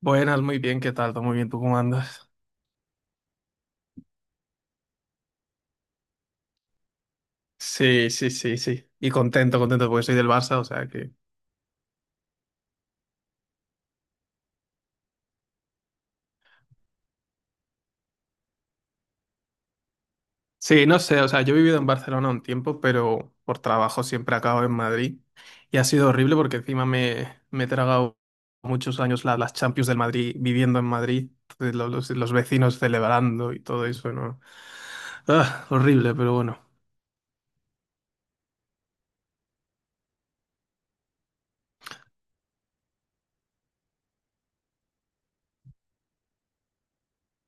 Buenas, muy bien, ¿qué tal? ¿Todo muy bien? ¿Tú cómo andas? Sí, sí, sí, sí. Y contento, contento porque soy del Barça, o sea que. Sí, no sé, o sea, yo he vivido en Barcelona un tiempo, pero por trabajo siempre acabo en Madrid. Y ha sido horrible porque encima me he tragado muchos años las Champions del Madrid viviendo en Madrid. Entonces, los vecinos celebrando y todo eso, ¿no? Ah, horrible, pero bueno.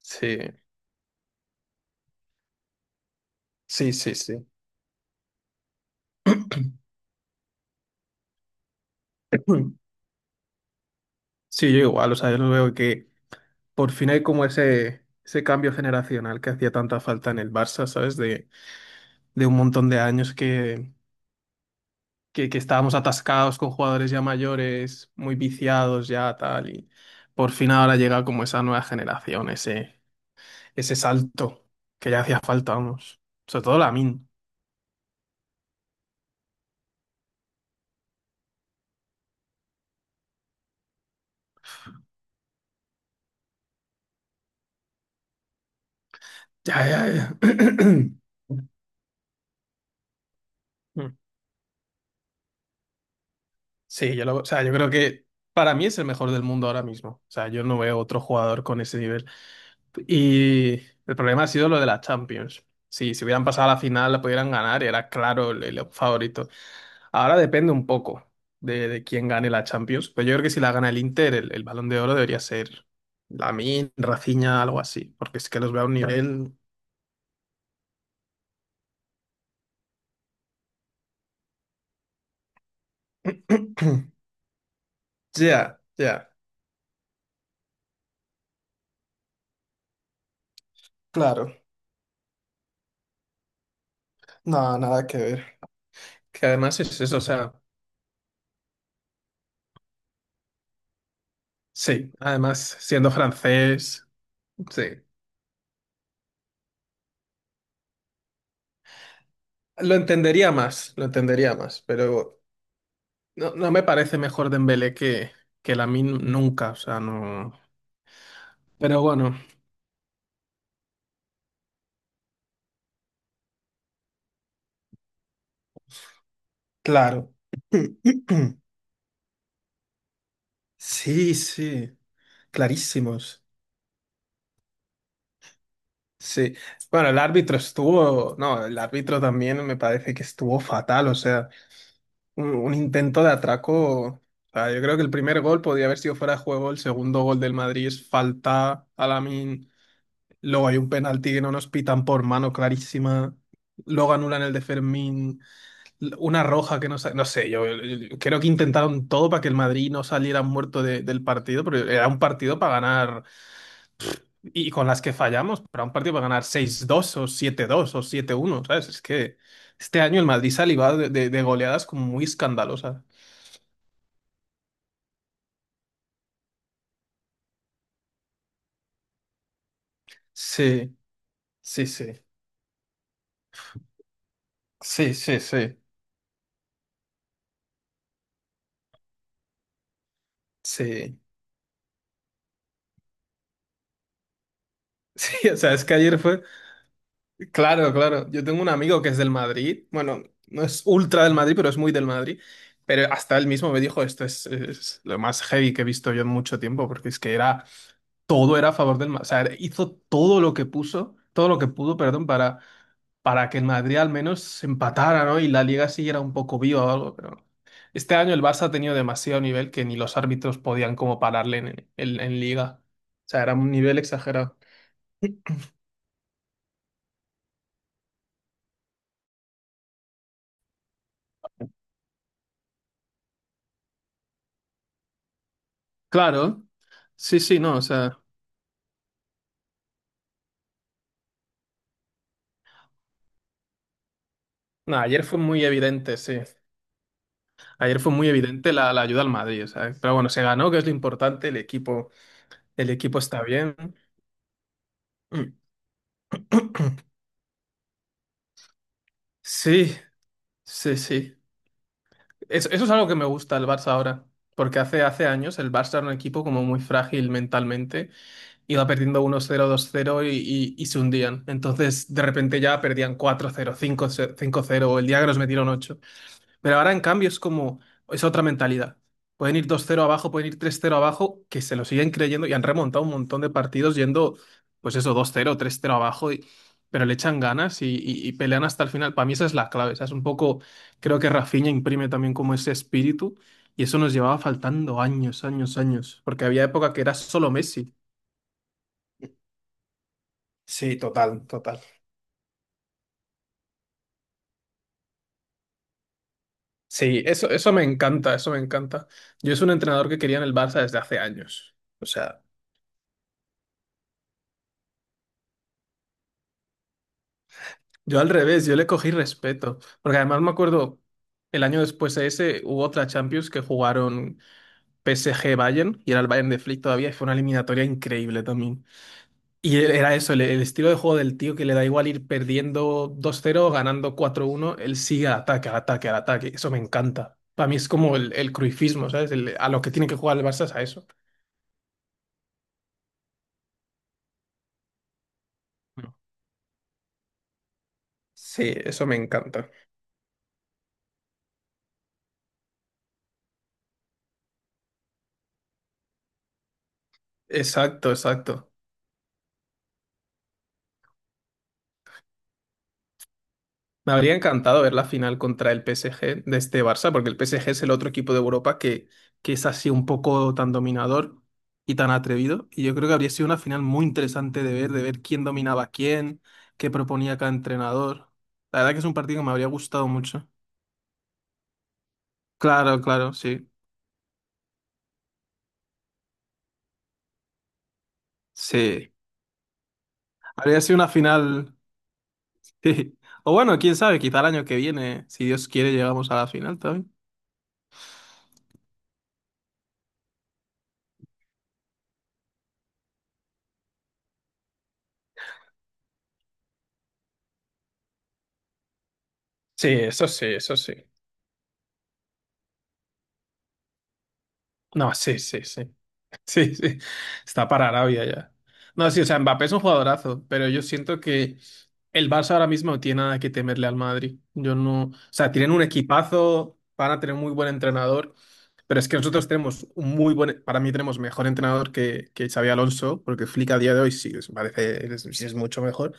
Sí, sí, sí, sí. Sí, yo igual, o sea, yo lo veo que por fin hay como ese cambio generacional que hacía tanta falta en el Barça, ¿sabes? De un montón de años que estábamos atascados con jugadores ya mayores, muy viciados ya, tal. Y por fin ahora llega como esa nueva generación, ese salto que ya hacía falta, vamos. Sobre todo Lamin. Ya, ya, ya. Mm. Sí, o sea, yo creo que para mí es el mejor del mundo ahora mismo. O sea, yo no veo otro jugador con ese nivel. Y el problema ha sido lo de la Champions. Sí, si hubieran pasado a la final, la pudieran ganar, era claro el favorito. Ahora depende un poco de quién gane la Champions. Pero yo creo que si la gana el Inter, el Balón de Oro debería ser Lamine, Rafinha, algo así. Porque es que los veo a un nivel. Ya, ya, claro. No, nada que ver. Que además es eso, o sea, sí, además siendo francés, sí. Lo entendería más, pero no, no me parece mejor Dembélé que, Lamine nunca, o sea, no. Pero bueno, claro. Sí, sí, clarísimos. Sí. Bueno, el árbitro estuvo, no, el árbitro también me parece que estuvo fatal, o sea, un intento de atraco. O sea, yo creo que el primer gol podía haber sido fuera de juego, el segundo gol del Madrid es falta a Lamine, luego hay un penalti que no nos pitan por mano clarísima, luego anulan el de Fermín. Una roja que no sa- No sé, yo creo que intentaron todo para que el Madrid no saliera muerto del partido, pero era un partido para ganar, y con las que fallamos, pero era un partido para ganar 6-2 o 7-2 o 7-1, ¿sabes? Es que este año el Madrid se ha librado de goleadas como muy escandalosas. Sí, sí, sí, sí, sí, sí, sí. Sí, o sea, es que ayer fue, claro, claro. Yo tengo un amigo que es del Madrid. Bueno, no es ultra del Madrid, pero es muy del Madrid. Pero hasta él mismo me dijo, esto es lo más heavy que he visto yo en mucho tiempo, porque es que era, todo era a favor del Madrid. O sea, hizo todo lo que puso, todo lo que pudo, perdón, para que el Madrid al menos se empatara, ¿no? Y la liga siguiera un poco viva o algo, pero este año el Barça ha tenido demasiado nivel que ni los árbitros podían como pararle en, en liga. O sea, era un nivel exagerado. Claro. Sí, sí, no, o sea. No, ayer fue muy evidente, sí. Ayer fue muy evidente la ayuda al Madrid, ¿sabes? Pero bueno, se ganó, que es lo importante, el equipo está bien. Mm. Sí, sí, sí. Eso es algo que me gusta del Barça ahora, porque hace años el Barça era un equipo como muy frágil mentalmente, iba perdiendo 1-0, 2-0 y se hundían. Entonces, de repente ya perdían 4-0, 5-0. O el día que nos metieron 8. Pero ahora, en cambio, es como, es otra mentalidad. Pueden ir 2-0 abajo, pueden ir 3-0 abajo, que se lo siguen creyendo y han remontado un montón de partidos yendo, pues eso, 2-0 3-0 abajo, pero le echan ganas y pelean hasta el final. Para mí esa es la clave. O sea, es un poco, creo que Rafinha imprime también como ese espíritu y eso nos llevaba faltando años, años, años, porque había época que era solo Messi. Sí, total, total. Sí, eso me encanta, eso me encanta. Yo es un entrenador que quería en el Barça desde hace años. O sea. Yo al revés, yo le cogí respeto, porque además me acuerdo el año después de ese hubo otra Champions que jugaron PSG Bayern y era el Bayern de Flick todavía y fue una eliminatoria increíble también. Y era eso, el estilo de juego del tío que le da igual ir perdiendo 2-0 o ganando 4-1, él sigue al ataque, al ataque, al ataque. Eso me encanta. Para mí es como el cruifismo, ¿sabes? A lo que tiene que jugar el Barça es a eso. Sí, eso me encanta. Exacto, exacto. Me habría encantado ver la final contra el PSG de este Barça, porque el PSG es el otro equipo de Europa que es así un poco tan dominador y tan atrevido. Y yo creo que habría sido una final muy interesante de ver, quién dominaba a quién, qué proponía cada entrenador. La verdad que es un partido que me habría gustado mucho. Claro, claro, sí. Sí. Habría sido una final. Sí. O bueno, quién sabe, quizá el año que viene, si Dios quiere, llegamos a la final también. Sí, eso sí, eso sí. No, sí, sí, sí. Sí, sí, está para Arabia ya. No, sí, o sea, Mbappé es un jugadorazo, pero yo siento que el Barça ahora mismo no tiene nada que temerle al Madrid. Yo no, o sea, tienen un equipazo, van a tener un muy buen entrenador, pero es que nosotros tenemos un muy buen, para mí tenemos mejor entrenador que, Xavi Alonso, porque Flick a día de hoy sí, parece, es, sí es mucho mejor.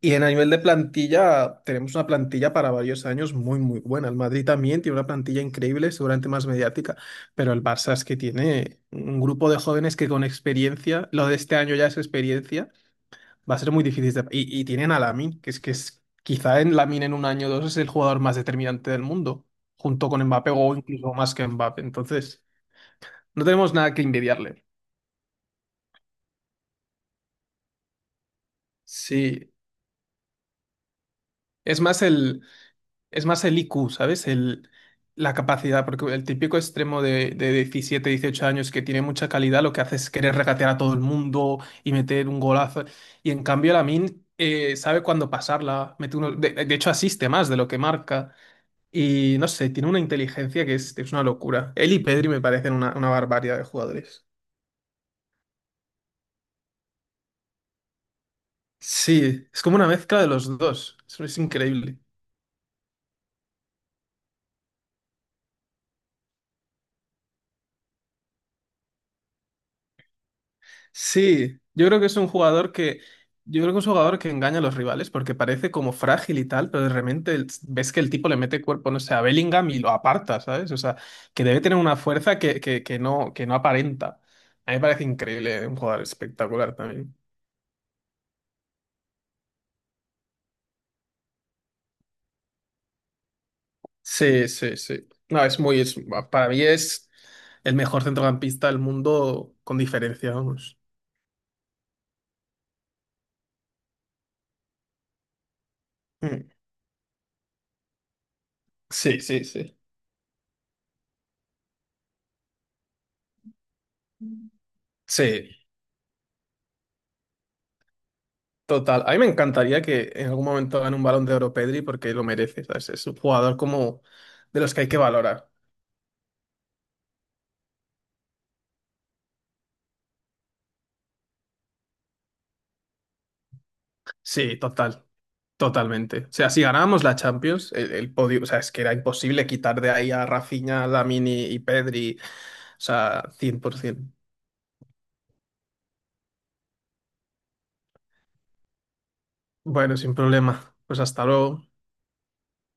Y en a nivel de plantilla, tenemos una plantilla para varios años muy, muy buena. El Madrid también tiene una plantilla increíble, seguramente más mediática, pero el Barça es que tiene un grupo de jóvenes que con experiencia, lo de este año ya es experiencia, va a ser muy difícil de. Y tienen a Lamine, que es, quizá en Lamine en un año o dos es el jugador más determinante del mundo, junto con Mbappé o incluso más que Mbappé. Entonces, no tenemos nada que envidiarle. Sí, es más el... Es más el IQ, ¿sabes? El, la capacidad, porque el típico extremo de 17 18 años que tiene mucha calidad, lo que hace es querer regatear a todo el mundo y meter un golazo. Y en cambio, Lamin sabe cuándo pasarla. Mete uno, de hecho, asiste más de lo que marca. Y no sé, tiene una inteligencia que es una locura. Él y Pedri me parecen una barbaridad de jugadores. Sí, es como una mezcla de los dos. Eso es increíble. Sí, yo creo que es un jugador que engaña a los rivales porque parece como frágil y tal, pero de repente ves que el tipo le mete cuerpo, no sé, a Bellingham y lo aparta, ¿sabes? O sea, que debe tener una fuerza que no aparenta. A mí me parece increíble, un jugador espectacular también. Sí, sí, sí. No, para mí es el mejor centrocampista del mundo con diferencia, vamos. Mm. Sí, sí, sí. Sí. Total, a mí me encantaría que en algún momento gane un balón de oro Pedri porque lo merece, ¿sabes? Es un jugador como de los que hay que valorar. Sí, total, totalmente. O sea, si ganábamos la Champions, el podio, o sea, es que era imposible quitar de ahí a Rafinha, Lamini y Pedri, o sea, 100%. Bueno, sin problema. Pues hasta luego.